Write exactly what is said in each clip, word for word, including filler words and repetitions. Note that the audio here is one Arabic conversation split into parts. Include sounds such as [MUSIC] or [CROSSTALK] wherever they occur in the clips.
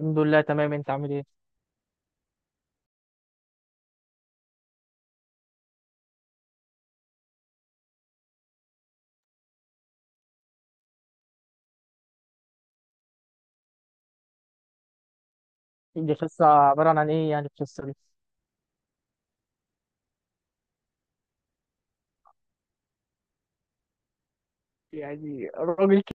الحمد لله، تمام. انت عامل ايه؟ دي قصة عبارة عن ايه يعني القصة دي؟ يعني راجل ك-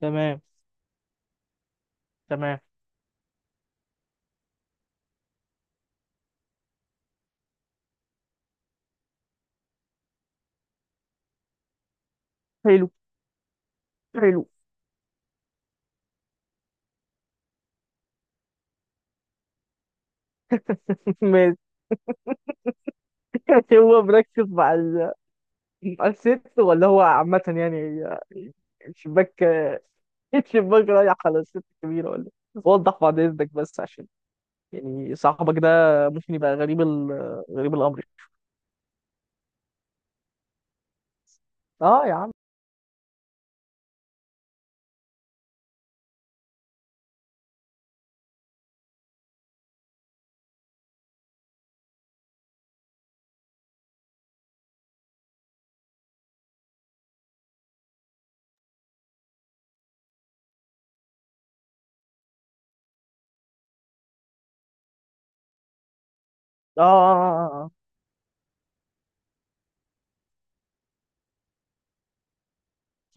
تمام. تمام. حلو. حلو. [LAUGHS] ماشي. [LAUGHS] هو مركز مع ال... مع الست ولا هو عامة يعني؟ الشباك. [LAUGHS] الشباك رايح على الست الكبيرة ولا؟ إيه؟ وضح بعد اذنك بس عشان يعني صاحبك ده ممكن يبقى غريب ال... غريب الامر. اه يا عم. اه، اه، اه.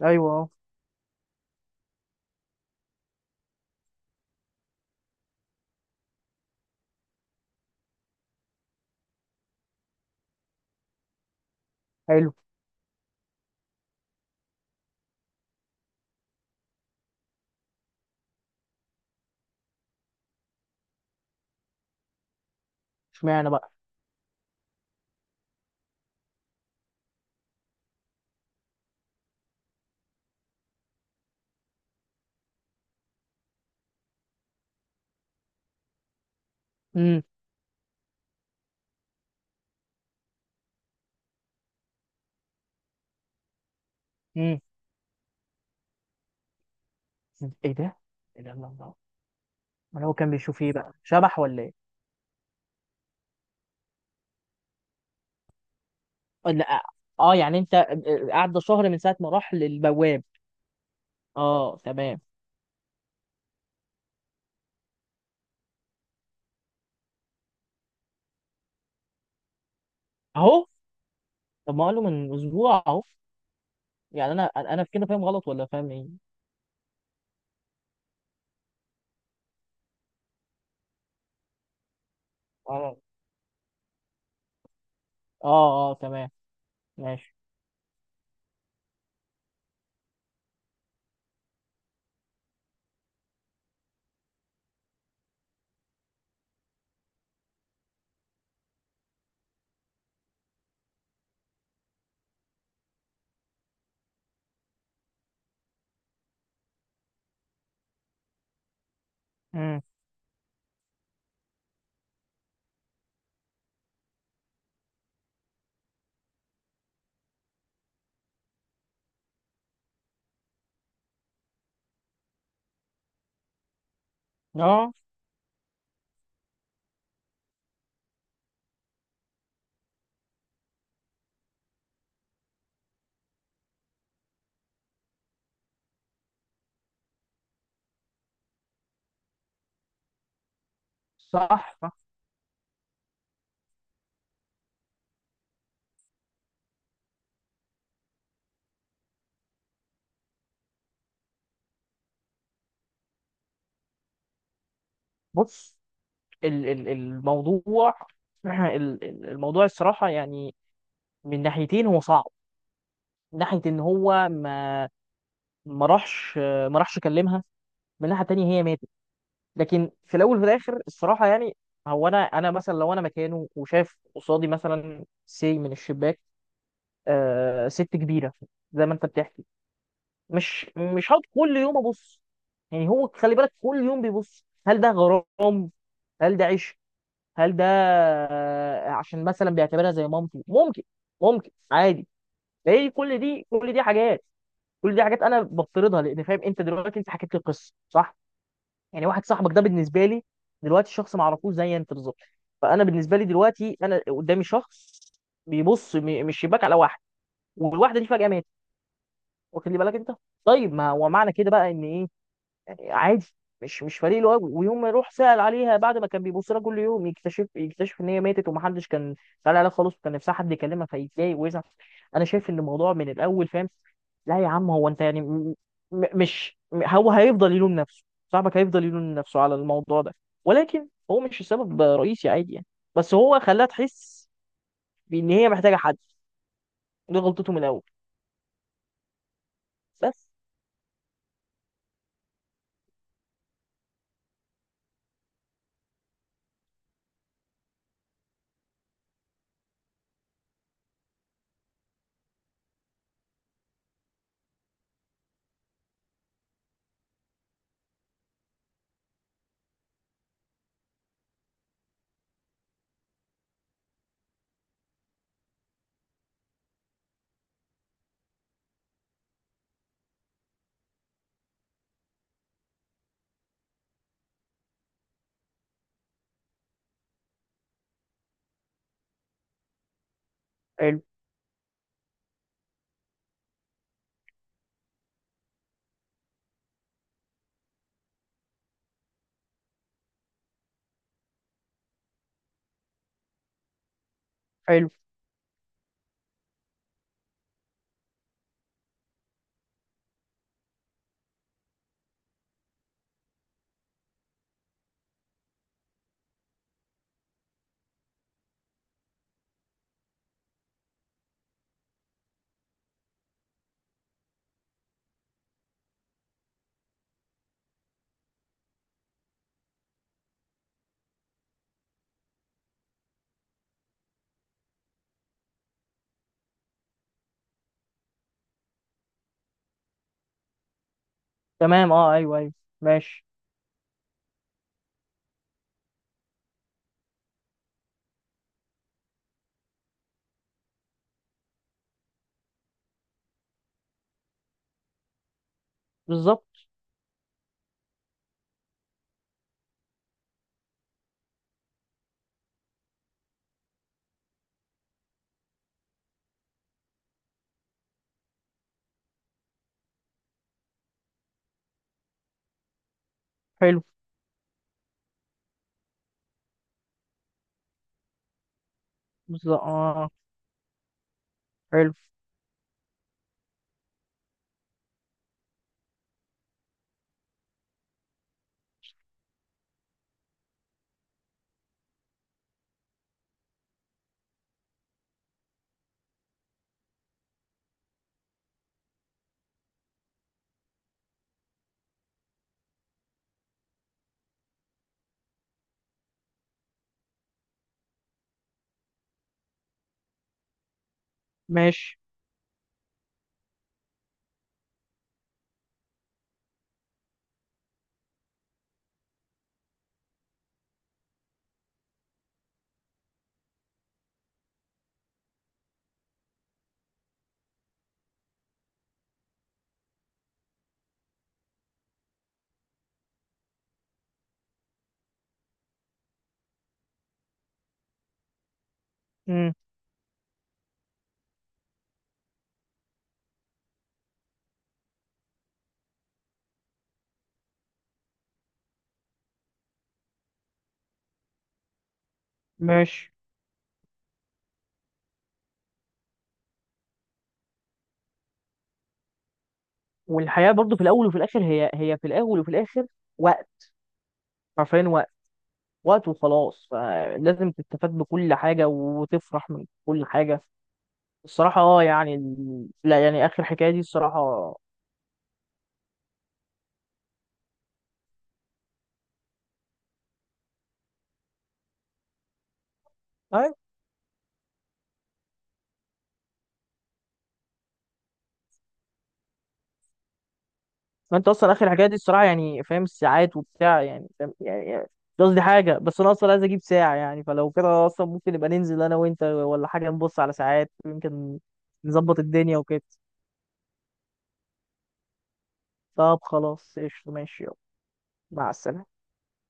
آه. ايوه. آه. حلو. اشمعنى بقى؟ امم. امم. ايه ده؟ ايه ده؟ الله، الله. ما هو كان بيشوف ايه بقى، شبح ولا ايه؟ آه، لا. اه، يعني انت آه، قعد شهر من ساعه ما راح للبواب؟ اه، تمام. اهو. طب ما قاله من اسبوع اهو. يعني انا انا في كده فاهم غلط ولا فاهم ايه؟ اه، اه، اه. تمام. ماشي. امم. اه. صح. بص، ال ال الموضوع. [CLEARS THROAT] ال- ال- الموضوع الصراحه يعني من ناحيتين هو صعب. من ناحيه ان هو ما ما راحش ما راحش كلمها. من ناحيه تانية هي ماتت. لكن في الاول وفي الاخر الصراحه يعني هو انا انا مثلا، لو انا مكانه وشاف قصادي مثلا سي من الشباك، آه ست كبيره زي ما انت بتحكي، مش مش هقعد كل يوم ابص. يعني هو خلي بالك كل يوم بيبص. هل ده غرام؟ هل ده عشق؟ هل ده آه، عشان مثلا بيعتبرها زي مامتي؟ ممكن. ممكن عادي. هي كل دي كل دي حاجات. كل دي حاجات انا بفترضها لان فاهم انت دلوقتي، انت حكيت لي قصه صح. يعني واحد صاحبك ده بالنسبه لي دلوقتي شخص ما اعرفوش زي انت بالظبط. فانا بالنسبه لي دلوقتي انا قدامي شخص بيبص م- من الشباك على واحد، والواحده دي فجاه ماتت. واخد لي بالك انت؟ طيب، ما هو معنى كده بقى ان ايه؟ عادي. مش مش فريق له قوي، ويوم ما يروح سأل عليها بعد ما كان بيبص لها كل يوم يكتشف يكتشف ان هي ماتت، ومحدش كان سأل عليها خالص، وكان نفسها حد يكلمها، فيتضايق ويزعل. انا شايف ان الموضوع من الاول فاهم. لا يا عم، هو انت يعني م- م- مش م- هو هيفضل يلوم نفسه. صاحبك هيفضل يلوم نفسه على الموضوع ده، ولكن هو مش السبب رئيسي عادي يعني. بس هو خلاها تحس بان هي محتاجه حد. دي غلطته من الاول. بس. حلو. حلو. تمام. اه، ايوه، ايوه. ماشي. بالظبط. حلو. بالظبط، اه. حلو. ماشي. امم. ماشي. والحياة برضو في الأول وفي الآخر، هي هي في الأول وفي الآخر وقت. حرفيا وقت. وقت وخلاص، فلازم تستفاد بكل حاجة وتفرح من كل حاجة. الصراحة اه يعني ال- لا، يعني آخر حكاية دي الصراحة. أي. ما أنت أصلا آخر حكاية دي الصراحة، يعني فاهم الساعات وبتاع، يعني فاهم يعني يعني قصدي حاجة، بس أنا أصلا عايز أجيب ساعة. يعني فلو كده أصلا ممكن نبقى ننزل أنا وأنت ولا حاجة، نبص على ساعات يمكن نظبط الدنيا وكده. طب خلاص، قشطة، ماشي. مع السلامة.